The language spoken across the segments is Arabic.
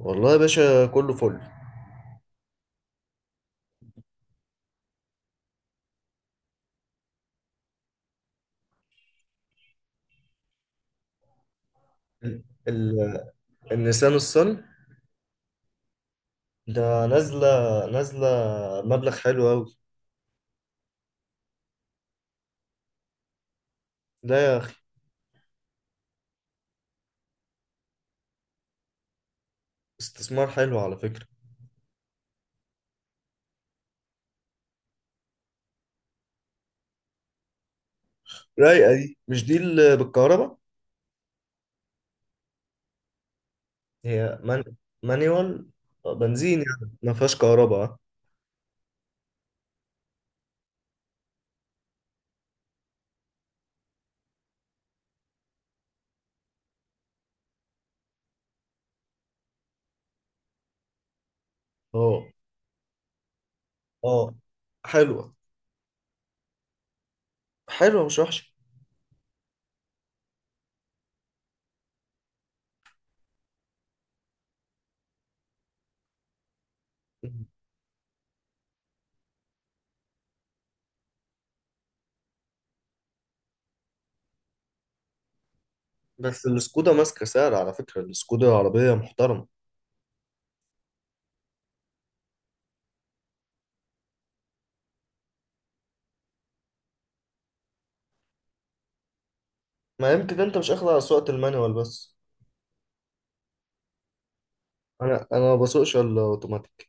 والله يا باشا كله فل. ال- ال- النيسان الصني ده نازلة، نازلة مبلغ حلو أوي. لا يا أخي، استثمار حلو على فكرة. رايقة دي، مش دي اللي بالكهرباء؟ هي من... مانيوال. بنزين يعني ما فيهاش كهرباء. اه اه، حلوة. مش وحشة. بس السكودا ماسكة سعر على فكرة، السكودا عربية محترمة. ما يمكن انت مش اخد على سواقة المانيوال بس. انا ما بسوقش الا اوتوماتيك.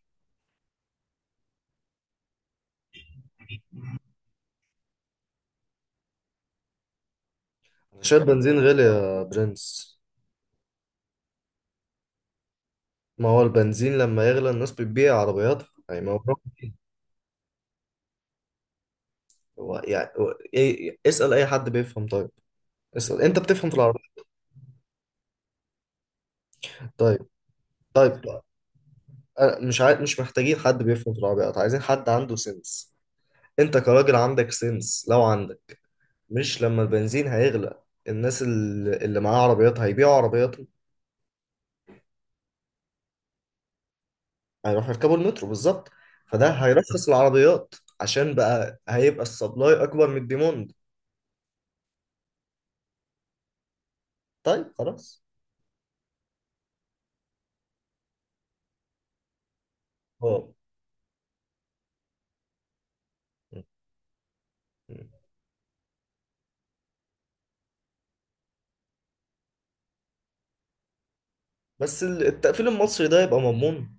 انا شايف بنزين غالي يا برنس. ما هو البنزين لما يغلى الناس بتبيع عربياتها، يعني ما هو. هو يعني هو إيه، اسأل أي حد بيفهم. طيب اسأل، أنت بتفهم في العربيات؟ طيب. طيب. أنا مش عاي... مش محتاجين حد بيفهم في العربيات، عايزين حد عنده سنس. أنت كراجل عندك سنس، لو عندك. مش لما البنزين هيغلى، الناس اللي معاها عربيات هيبيعوا عربياتهم. هيروحوا يركبوا المترو بالظبط. فده هيرخص العربيات. عشان بقى هيبقى السبلاي أكبر من الديموند. طيب خلاص. هو بس التقفيل المصري ده يبقى مضمون.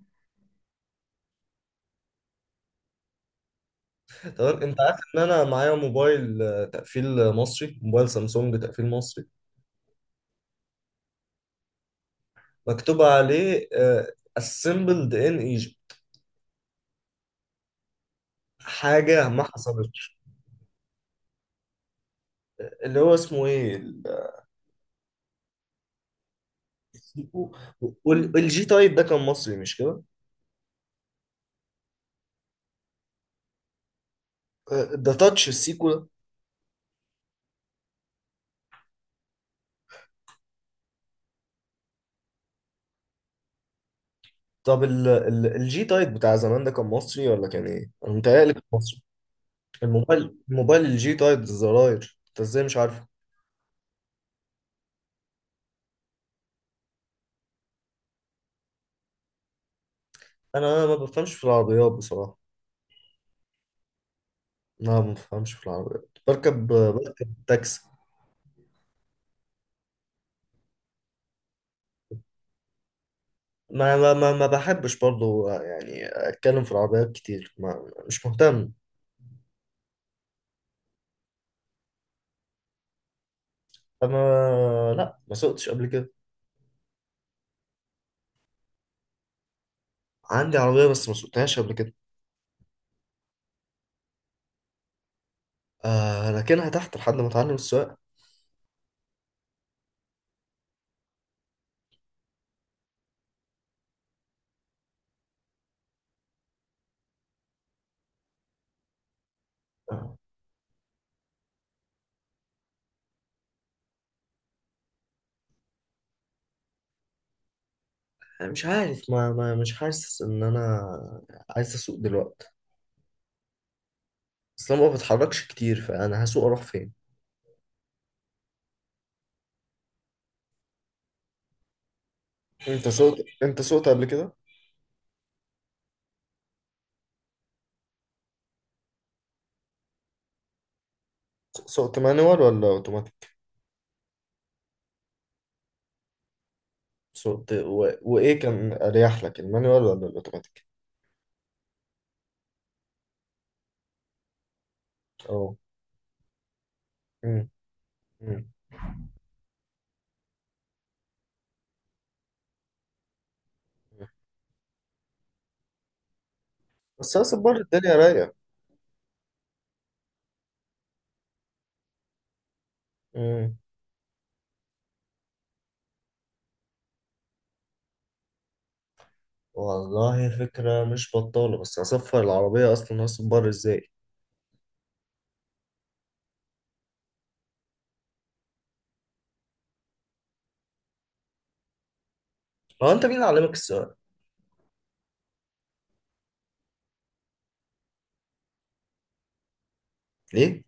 تمام، انت عارف ان انا معايا موبايل، تقفيل مصري، موبايل سامسونج تقفيل مصري. مكتوب عليه assembled in Egypt. حاجة ما حصلتش. اللي هو اسمه ايه ال- السيكو. والجي تايب ده كان مصري، مش كده؟ ده تاتش السيكو ده. طب الجي تايب بتاع زمان ده كان مصري ولا كان ايه؟ انا متهيألي كان مصري. الموبايل الجي تايب الزراير، انت ازاي مش عارفه؟ انا ما بفهمش في العربيات بصراحة. لا ما بفهمش في العربيات، بركب تاكسي. ما بحبش برضو يعني اتكلم في العربيات كتير، ما مش مهتم. انا؟ لا ما سوقتش قبل كده. عندي عربية بس ما سوقتهاش قبل كده. آه لكنها تحت لحد ما اتعلم السواقة. آه، أنا مش عارف، ما مش حاسس ان انا عايز اسوق دلوقتي. بس انا ما بتحركش كتير، فانا هسوق اروح فين؟ انت سوقت، قبل كده؟ سوقت مانوال ولا اوتوماتيك؟ وايه كان اريح لك، المانوال ولا الاوتوماتيك؟ اه. مم. مم. بس هصبر، الدنيا رايقة. مم. والله فكرة مش بطالة، بس هصفر العربية أصلا، هصبر إزاي؟ هو أنت مين اللي علمك السواقة؟ ليه؟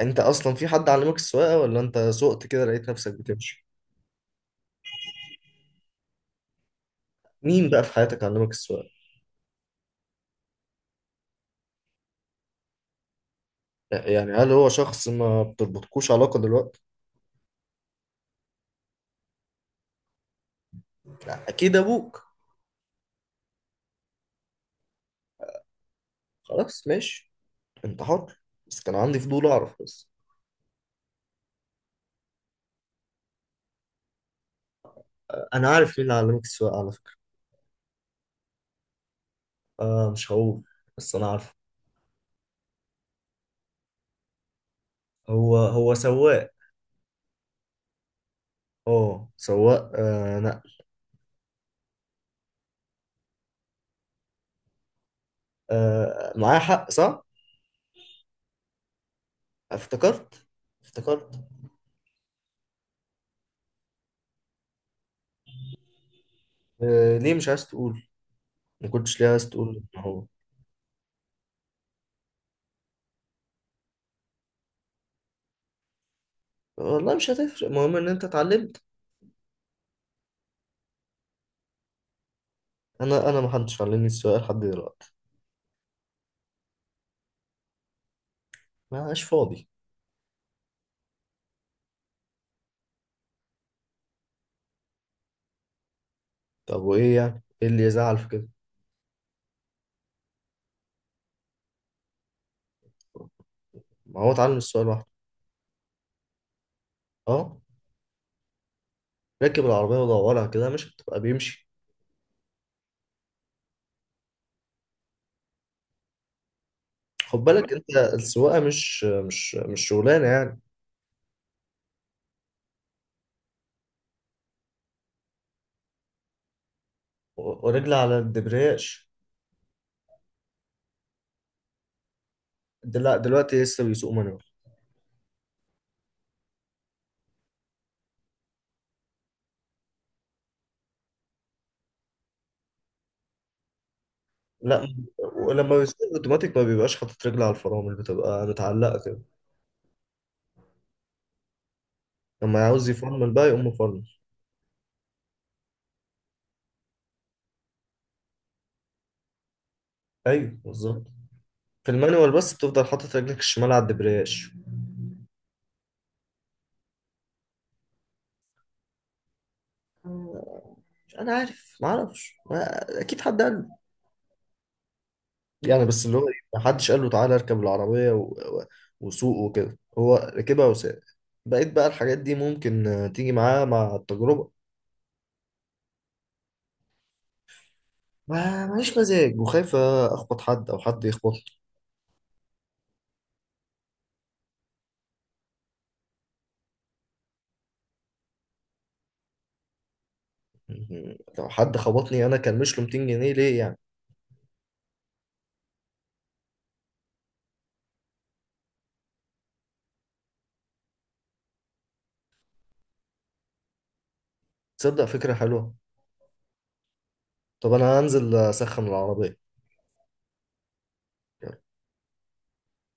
أنت أصلا في حد علمك السواقة، ولا أنت سوقت كده لقيت نفسك بتمشي؟ مين بقى في حياتك علمك السواقة؟ يعني هل هو شخص ما بتربطكوش علاقة دلوقتي؟ أكيد أبوك. خلاص ماشي، أنت حر، بس كان عندي فضول أعرف بس. أنا عارف مين اللي علمك السواقة على فكرة. آه مش هقول، بس أنا عارف. هو هو سواق. اه سواق، نقل. آه معايا حق، صح؟ افتكرت. افتكرت. آه ليه مش عايز تقول؟ ما كنتش ليه عايز تقول ان هو. والله مش هتفرق، المهم ان انت اتعلمت. انا ما حدش علمني السواقه لحد دلوقتي. ما عاش فاضي. طب وايه يعني؟ ايه اللي يزعل في كده؟ ما هو اتعلم السواقه لوحده. اه. ركب العربيه ودورها كده، مش هتبقى بيمشي؟ خد بالك، انت السواقه مش شغلانه يعني. ورجل على الدبرياج. دلوقتي لسه بيسوق مانوال. لا. ولما بيصير اوتوماتيك ما بيبقاش حاطط رجل على الفرامل، بتبقى متعلقه كده. لما يعوز يفرمل بقى، يقوم مفرمل. ايوه بالظبط. في المانيوال بس بتفضل حاطط رجلك الشمال على الدبرياج. آه، انا عارف، ما اعرفش، اكيد حد قال له. يعني بس اللي هو إيه، ما حدش قال له تعالى اركب العربيه وسوق وكده، هو ركبها وساق. بقيت بقى الحاجات دي ممكن تيجي معاه مع التجربه. ما ماليش مزاج، وخايف اخبط حد او حد يخبط. مهم. لو حد خبطني انا، كان مش له 200 جنيه ليه يعني؟ تصدق فكرة حلوة. طب انا هنزل اسخن العربية.